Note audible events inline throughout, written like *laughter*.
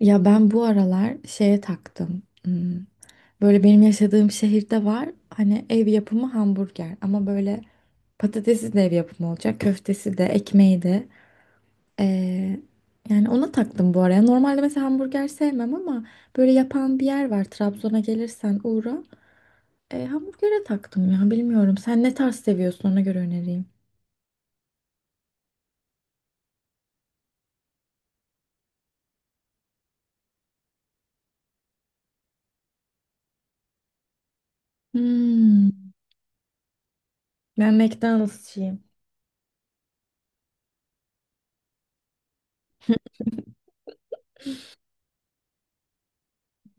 Ya ben bu aralar şeye taktım. Böyle benim yaşadığım şehirde var. Hani ev yapımı hamburger ama böyle patatesi de ev yapımı olacak. Köftesi de, ekmeği de. Ee, yani ona taktım bu araya. Normalde mesela hamburger sevmem ama böyle yapan bir yer var. Trabzon'a gelirsen uğra. Hamburgere taktım ya bilmiyorum. Sen ne tarz seviyorsun ona göre önereyim. Hmm, ben McDonald'sçıyım.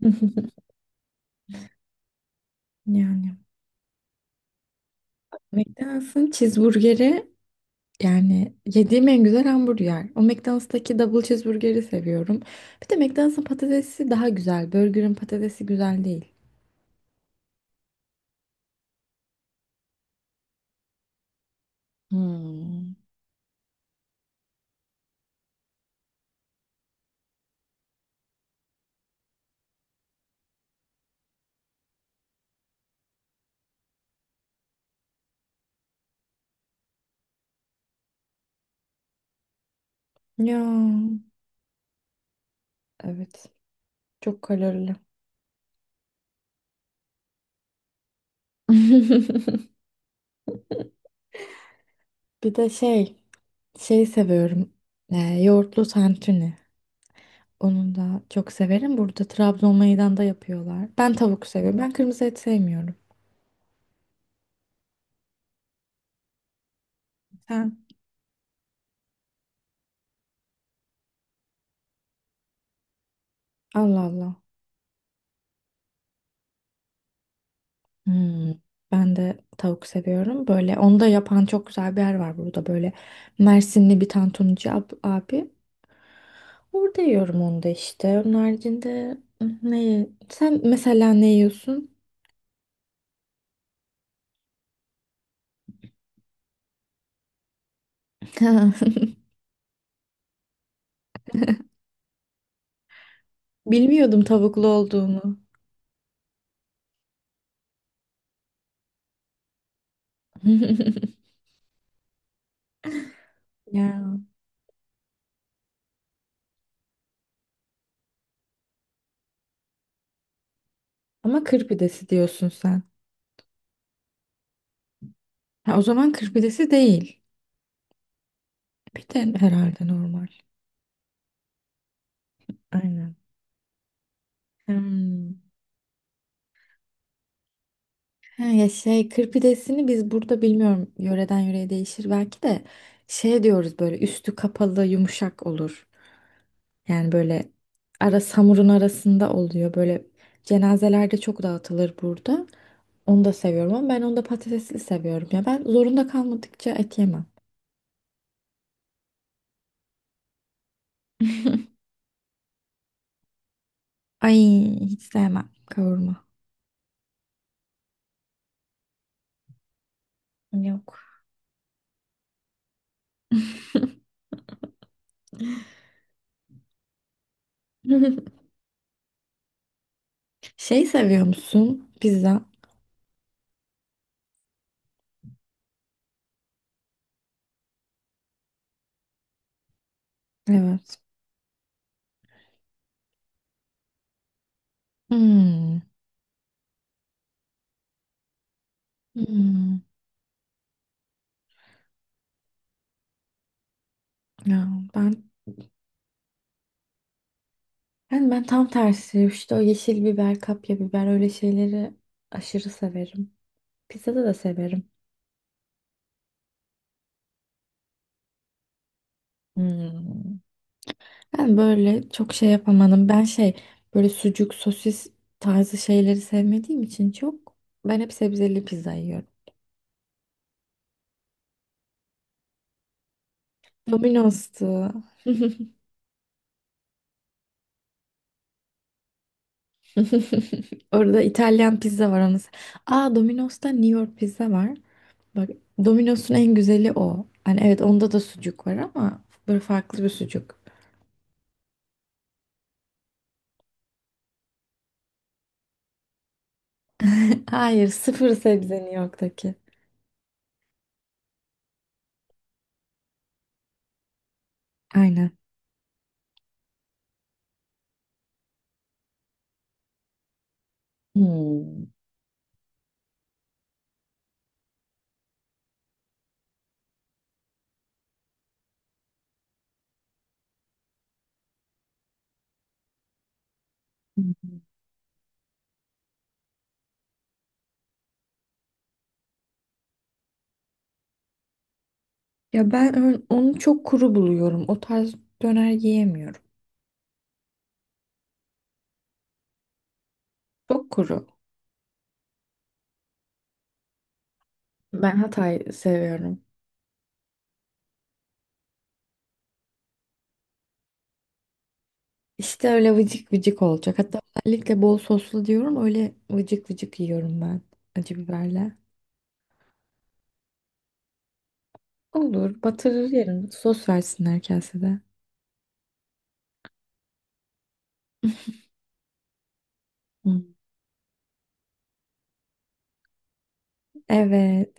*laughs* Yani McDonald's'ın cheeseburgeri. Yani yediğim en güzel hamburger. O McDonald's'taki double cheeseburger'i seviyorum. Bir de McDonald's'ın patatesi daha güzel. Burger'ın patatesi güzel değil. Hmm. Ya evet. Çok kalorili. *laughs* Bir de şey seviyorum. Ee, yoğurtlu tantuni. Onu da çok severim. Burada Trabzon meydanda yapıyorlar. Ben tavuk seviyorum. Ben kırmızı et sevmiyorum. Sen? Allah Allah. Hmm, ben de tavuk seviyorum. Böyle onu da yapan çok güzel bir yer var burada. Böyle Mersinli bir tantuncu abi. Orada yiyorum onu da işte. Onun haricinde ne? Sen mesela ne yiyorsun? *laughs* Bilmiyordum tavuklu olduğunu. *laughs* Ya. Ama kır pidesi diyorsun sen. Ha, o zaman kır pidesi değil. Pide herhalde normal. Aynen. Hmm. Ha, ya şey kır pidesini biz burada bilmiyorum, yöreden yöreye değişir belki de şey diyoruz, böyle üstü kapalı yumuşak olur. Yani böyle ara hamurun arasında oluyor, böyle cenazelerde çok dağıtılır burada. Onu da seviyorum ama ben onu da patatesli seviyorum ya, ben zorunda kalmadıkça et yemem. *laughs* Ay, hiç sevmem kavurma. Yok. *laughs* Şey seviyor musun? Pizza. Evet. Hmm. Hmm. Ya ben Yani ben tam tersi işte, o yeşil biber, kapya biber öyle şeyleri aşırı severim. Pizzada da severim. Hmm. Ben böyle çok şey yapamadım. Ben şey böyle sucuk, sosis tarzı şeyleri sevmediğim için çok, ben hep sebzeli pizza yiyorum. Domino's'tu. *laughs* Orada İtalyan pizza var onu. Aa, Domino's'ta New York pizza var. Bak, Domino's'un en güzeli o. Hani evet, onda da sucuk var ama böyle farklı bir sucuk. Hayır, sıfır sebzeni yoktaki. Aynen. Hmm. Ya ben onu çok kuru buluyorum. O tarz döner yiyemiyorum. Çok kuru. Ben Hatay seviyorum. İşte öyle vıcık vıcık olacak. Hatta özellikle bol soslu diyorum. Öyle vıcık vıcık yiyorum ben. Acı biberle. Olur. Batırır yerim. Sos versinler kasede. Hmm. Evet.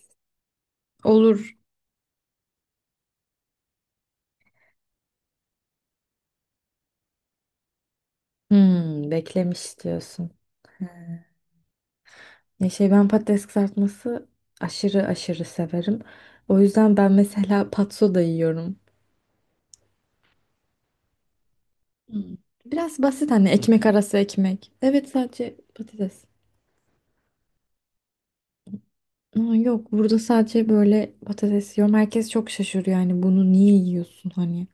Olur. Beklemiş diyorsun. He. Ya şey, ben patates kızartması aşırı aşırı severim. O yüzden ben mesela patso da yiyorum. Hmm. Biraz basit, hani ekmek arası ekmek. Evet, sadece patates. Ama yok, burada sadece böyle patates yiyorum. Herkes çok şaşırıyor yani, bunu niye yiyorsun hani.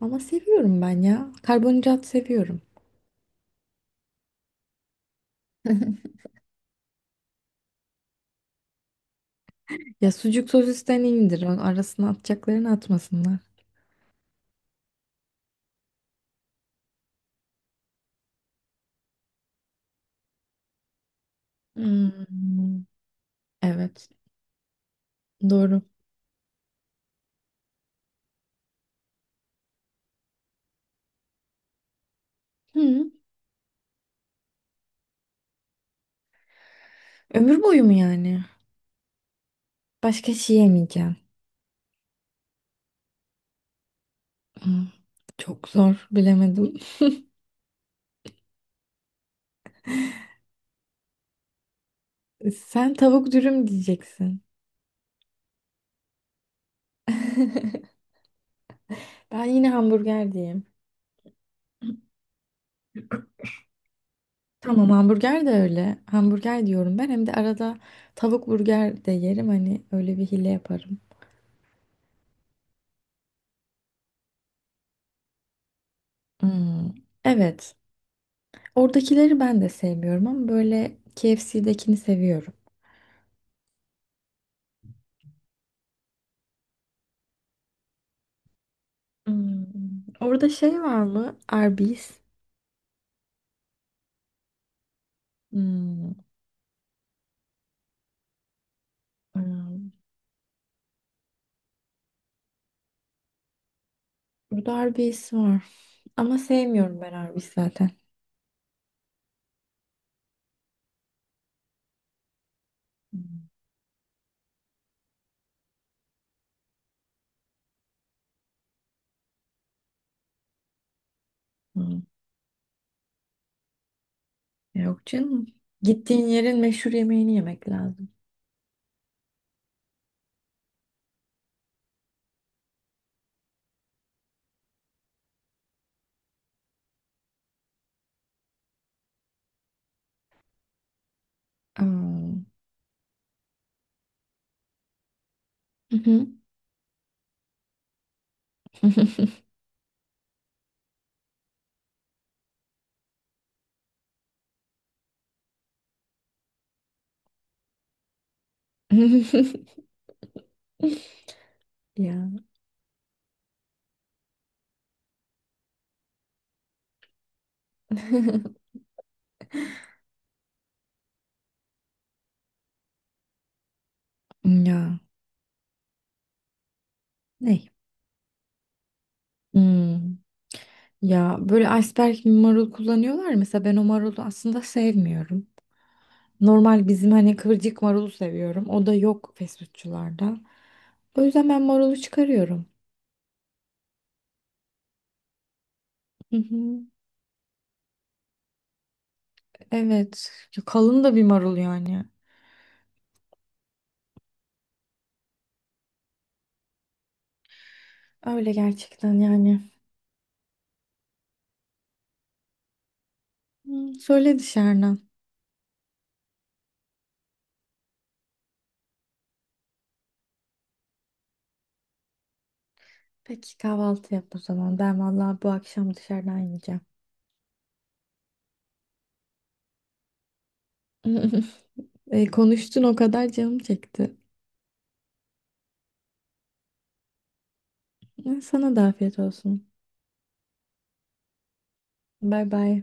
Ama seviyorum ben ya. Karbonhidrat seviyorum. Ya sucuk sosisten iyidir. O, arasına atacaklarını atmasınlar. Hmm, Evet doğru. Hı. Ömür boyu mu yani? Başka şey yemeyeceğim. Hmm, Çok zor, bilemedim. Sen tavuk dürüm diyeceksin. *laughs* Ben yine hamburger diyeyim. Tamam, hamburger de öyle. Hamburger diyorum ben. Hem de arada tavuk burger de yerim. Hani öyle bir hile yaparım. Hmm, Evet. Oradakileri ben de sevmiyorum ama böyle KFC'dekini seviyorum. Hmm, Orada şey var mı? Arby's. Hmm, hmm, Burada Arby's var. Ama sevmiyorum ben Arby's zaten. Hmm. Yok canım. Gittiğin yerin meşhur yemeğini yemek lazım. Aa. Hı hı. *laughs* Ya. *laughs* Ya. Ne? Hmm. Ya böyle iceberg marul kullanıyorlar. Mesela ben o marulu aslında sevmiyorum. Normal bizim hani kıvırcık marulu seviyorum. O da yok fast. O yüzden ben marulu çıkarıyorum. Hı hı. Evet. Ya kalın da bir marul yani. Öyle gerçekten yani. Hı, söyle dışarıdan. Peki kahvaltı yap o zaman. Ben vallahi bu akşam dışarıdan yiyeceğim. *laughs* E, konuştun o kadar canım çekti. E, sana da afiyet olsun. Bay bay.